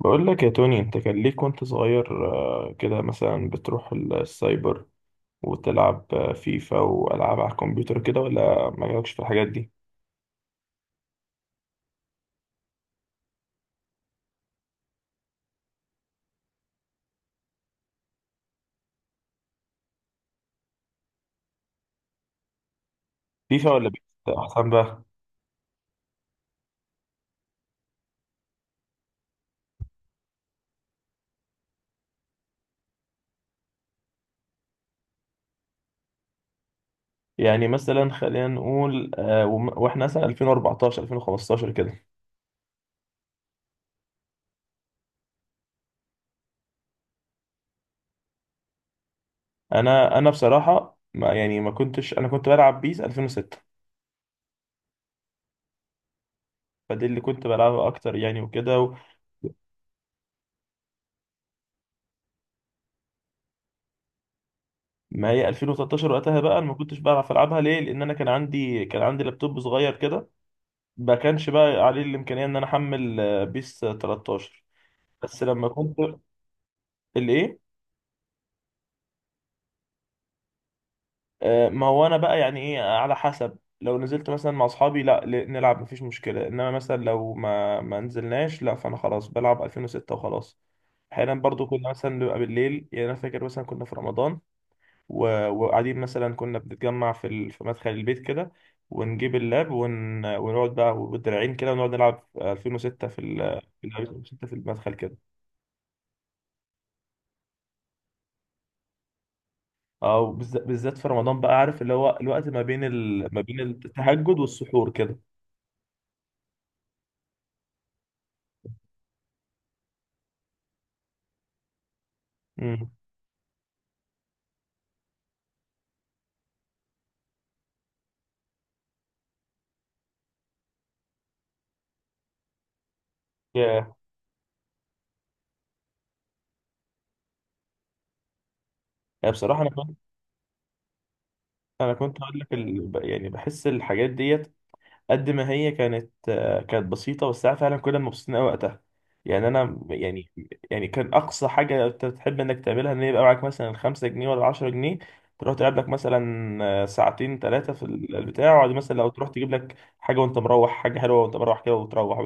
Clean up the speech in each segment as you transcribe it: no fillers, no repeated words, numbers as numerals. بقول لك يا توني، انت كان ليك وانت صغير كده مثلا بتروح السايبر وتلعب فيفا والعاب على الكمبيوتر كده، ولا ما جالكش في الحاجات دي؟ فيفا ولا بيس؟ احسن بقى. يعني مثلا خلينا نقول واحنا مثلا 2014 2015 كده. انا بصراحة، ما يعني ما كنتش، انا كنت بلعب بيس 2006، فدي اللي كنت بلعبها اكتر يعني وكده. ما هي 2013 وقتها بقى انا ما كنتش بعرف العبها، ليه؟ لان انا كان عندي لابتوب صغير كده، ما كانش بقى عليه الامكانيه ان انا احمل بيس 13. بس لما كنت. الايه؟ ما هو انا بقى يعني ايه، على حسب لو نزلت مثلا مع اصحابي لا ل- نلعب مفيش مشكله، انما مثلا لو ما نزلناش لا، فانا خلاص بلعب 2006 وخلاص. احيانا برضو كنا مثلا بنبقى بالليل، يعني انا فاكر مثلا كنا في رمضان و... وقاعدين، مثلا كنا بنتجمع في مدخل البيت كده، ونجيب اللاب ون... ونقعد بقى بالدراعين كده، ونقعد نلعب 2006 2006 في المدخل كده، او بالذات في رمضان بقى، عارف اللي هو الوقت ما بين التهجد والسحور كده. امم. ياه. يعني بصراحه انا كنت، انا كنت اقول لك يعني بحس الحاجات ديت، قد ما هي كانت بسيطه، بس ساعات فعلا كنا مبسوطين قوي وقتها، يعني انا يعني، يعني كان اقصى حاجه انت بتحب انك تعملها ان يبقى معاك مثلا 5 جنيه ولا 10 جنيه، تروح تلعب لك مثلا ساعتين ثلاثه في البتاع، وبعد مثلا لو تروح تجيب لك حاجه وانت مروح، حاجه حلوه وانت مروح كده، وتروح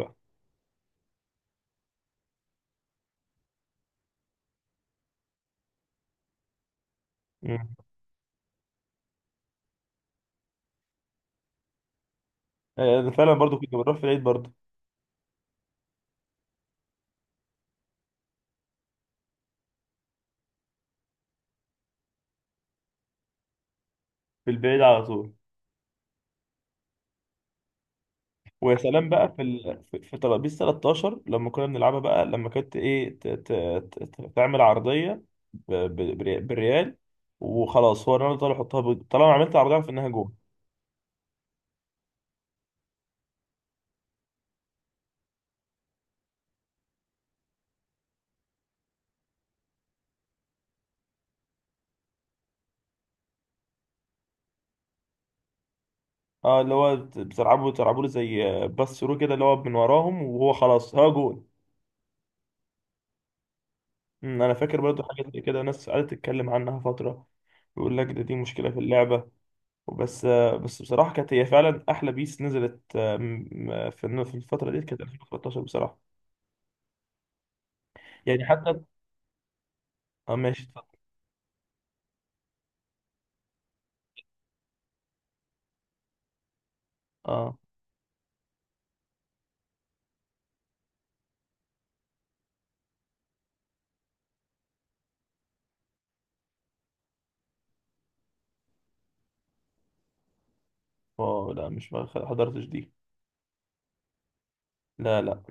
بقى. انا فعلا برضو كنت بروح في العيد برضو. في البعيد على طول. ويا سلام بقى في ال... في في ترابيزه 13 لما كنا بنلعبها بقى، لما كانت ايه، تعمل عرضيه بالريال، وخلاص هو الراجل طالع يحطها طالما عملت عرضيه، في انها جول. اه اللي هو بتلعبوا له زي باس ثرو كده، اللي هو من وراهم وهو خلاص هو جول. انا فاكر برضو حاجات زي كده، ناس قعدت تتكلم عنها فتره، يقول لك دي مشكله في اللعبه، بس بس بصراحة كانت هي فعلا أحلى بيس نزلت في الفترة دي، كانت 2013 بصراحة. يعني حتى. اه ماشي، اتفضل. اه اه لا، مش ما خ- حضرتش دي. لا لا.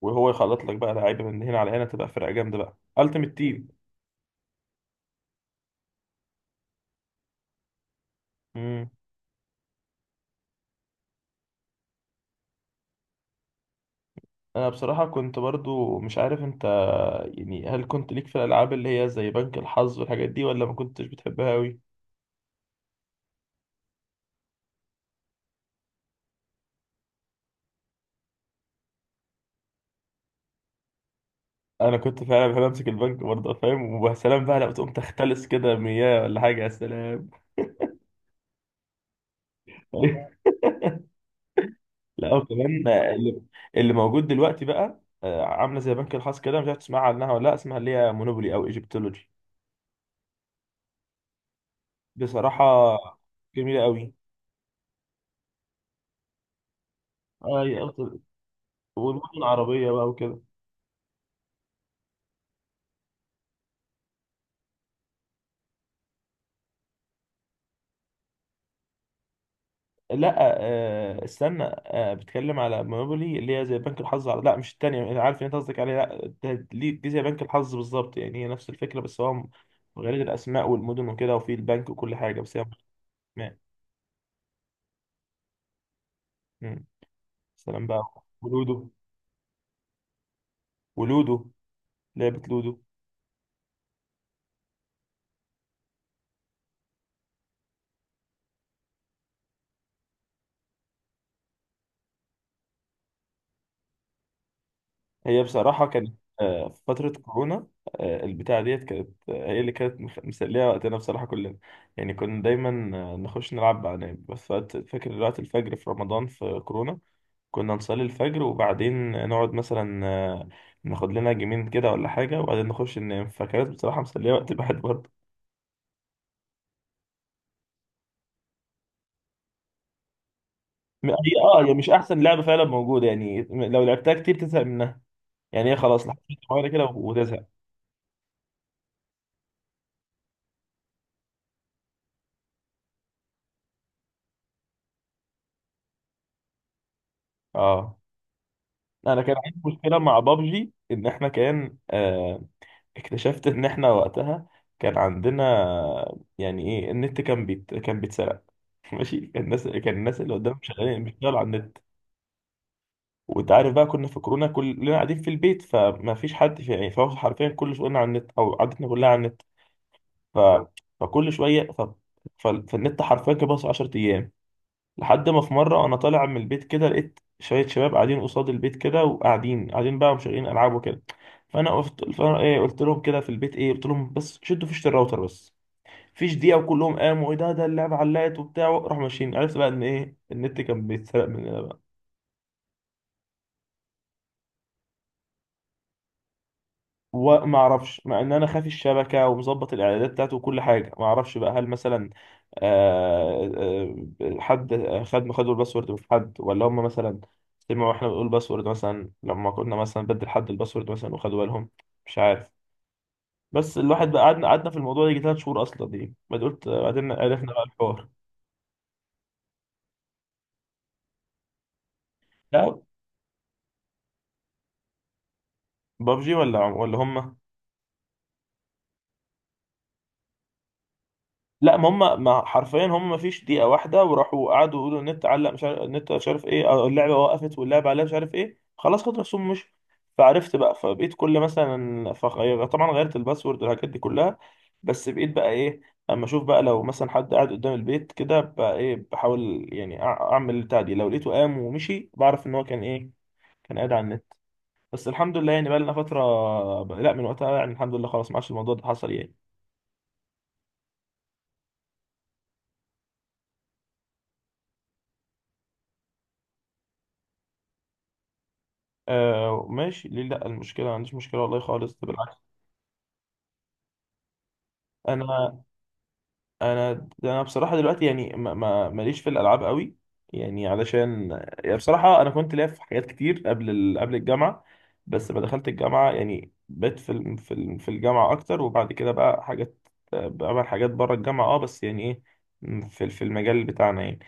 وهو يخلط لك بقى لعيبة من هنا على هنا، تبقى فرقة جامدة بقى، التيمت تيم. امم. انا بصراحة كنت برضو مش عارف انت، يعني هل كنت ليك في الالعاب اللي هي زي بنك الحظ والحاجات دي، ولا ما كنتش بتحبها قوي؟ انا كنت فعلا بحب امسك البنك برضه، فاهم؟ وسلام بقى لو تقوم تختلس كده مياه ولا حاجة، يا سلام. لا، وكمان اللي موجود دلوقتي بقى، عامله زي بنك الحظ كده، مش عارف تسمع عنها ولا لا، اسمها اللي هي مونوبولي او ايجيبتولوجي. بصراحه جميله قوي. اي، والمدن العربيه بقى وكده. لا استنى، بتكلم على مونوبولي اللي هي زي بنك الحظ لا مش التانية، انا عارف ان انت قصدك عليها، لا دي زي بنك الحظ بالظبط يعني، هي نفس الفكره، بس غير الاسماء والمدن وكده، وفي البنك وكل حاجه، بس هي مش أسماء. مم. سلام بقى، ولودو. ولودو لعبه لودو. هي بصراحة كانت في فترة كورونا، البتاعة ديت كانت هي اللي كانت مسلية وقتنا بصراحة كلنا، يعني كنا دايما نخش نلعب بقى نايم، بس فاكر وقت الفجر في رمضان في كورونا، كنا نصلي الفجر وبعدين نقعد مثلا، ناخد لنا جيمين كده ولا حاجة، وبعدين نخش ننام، فكانت بصراحة مسلية وقت الواحد برضه. هي، اه مش أحسن لعبة فعلا موجودة يعني، لو لعبتها كتير تزهق منها، يعني هي خلاص لحد شوية كده وتزهق. اه. انا كان عندي مشكله مع بابجي، ان احنا كان. اكتشفت ان احنا وقتها كان عندنا، يعني ايه، النت كان بيتسرق. ماشي، كان الناس اللي قدام شغالين، بيشتغلوا على النت، وانت عارف بقى كنا في كورونا كلنا قاعدين في البيت، فما فيش حد في يعني، فهو حرفيا كل شغلنا على النت، او عادتنا كلها على النت، ف... فكل شويه، فالنت حرفيا كان بس 10 ايام. لحد ما في مرة أنا طالع من البيت كده، لقيت شوية شباب قاعدين قصاد البيت كده، وقاعدين قاعدين بقى ومشغلين ألعاب وكده، فأنا إيه، قلت لهم كده في البيت إيه، قلت لهم بس شدوا فيشة الراوتر بس. فيش دقيقة وكلهم قاموا، إيه ده اللعبة علقت وبتاع، راحوا ماشيين. عرفت بقى إن إيه، النت كان بيتسرق من. وما اعرفش، مع ان انا خافي الشبكه ومظبط الاعدادات بتاعته وكل حاجه، ما اعرفش بقى، هل مثلا حد خدوا الباسورد من حد، ولا هم مثلا سمعوا احنا بنقول باسورد، مثلا لما كنا مثلا بدل حد الباسورد مثلا، وخدوا بالهم؟ مش عارف. بس الواحد بقى قعدنا في الموضوع ده يجي ثلاث شهور اصلا دي، بعد قلت بعدين عرفنا بقى الحوار. لا بابجي، ولا هم. لا ما هم ما، حرفيا هم ما فيش دقيقة واحدة، وراحوا قعدوا يقولوا النت علق، مش عارف النت، مش عارف ايه، أو اللعبة وقفت، واللعبة عليها مش عارف ايه، خلاص خد رسوم مش. فعرفت بقى، فبقيت كل مثلا، فغير طبعا غيرت الباسورد والحاجات دي كلها، بس بقيت بقى ايه، اما اشوف بقى لو مثلا حد قاعد قدام البيت كده بقى ايه، بحاول يعني اعمل البتاع دي، لو لقيته قام ومشي بعرف ان هو كان ايه، كان قاعد على النت. بس الحمد لله يعني بقى لنا فترة، لا من وقتها يعني الحمد لله، خلاص ما عادش الموضوع ده حصل يعني. آه ماشي، ليه لا، المشكله ما عنديش مشكله والله خالص، بالعكس. انا انا بصراحه دلوقتي يعني، ماليش في الالعاب قوي، يعني علشان، يعني بصراحه انا كنت ليا في حاجات كتير قبل الجامعه، بس ما دخلت الجامعه يعني بقيت في الجامعه اكتر، وبعد كده بقى حاجات، بعمل حاجات بره الجامعه اه، بس يعني ايه، في المجال بتاعنا يعني،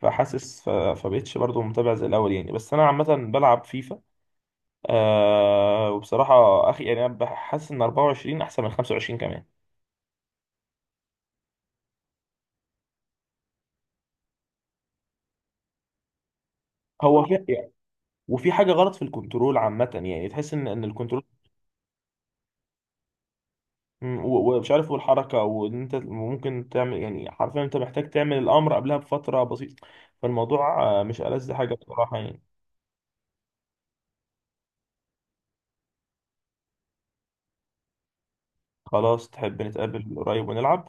فحاسس، ف... فبقيتش برضو متابع زي الاول يعني، بس انا عامه بلعب فيفا. وبصراحة أخي يعني، أنا بحس إن 24 أحسن من 25 كمان. هو صح في يعني، وفي حاجة غلط في الكنترول عامة، يعني تحس إن الكنترول، مم، و- ومش عارف، والحركة، وإن أنت ممكن تعمل يعني، حرفيا أنت محتاج تعمل الأمر قبلها بفترة بسيطة، فالموضوع مش ألذ حاجة بصراحة يعني. خلاص، تحب نتقابل قريب ونلعب؟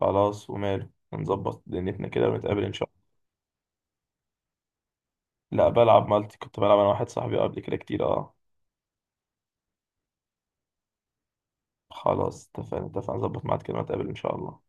خلاص وماله، نظبط دنيتنا كده ونتقابل إن شاء الله. لا بلعب مالتي، كنت بلعب أنا واحد صاحبي قبل كده كتير، أه. خلاص اتفقنا، اتفقنا نظبط ميعاد كده ونتقابل إن شاء الله.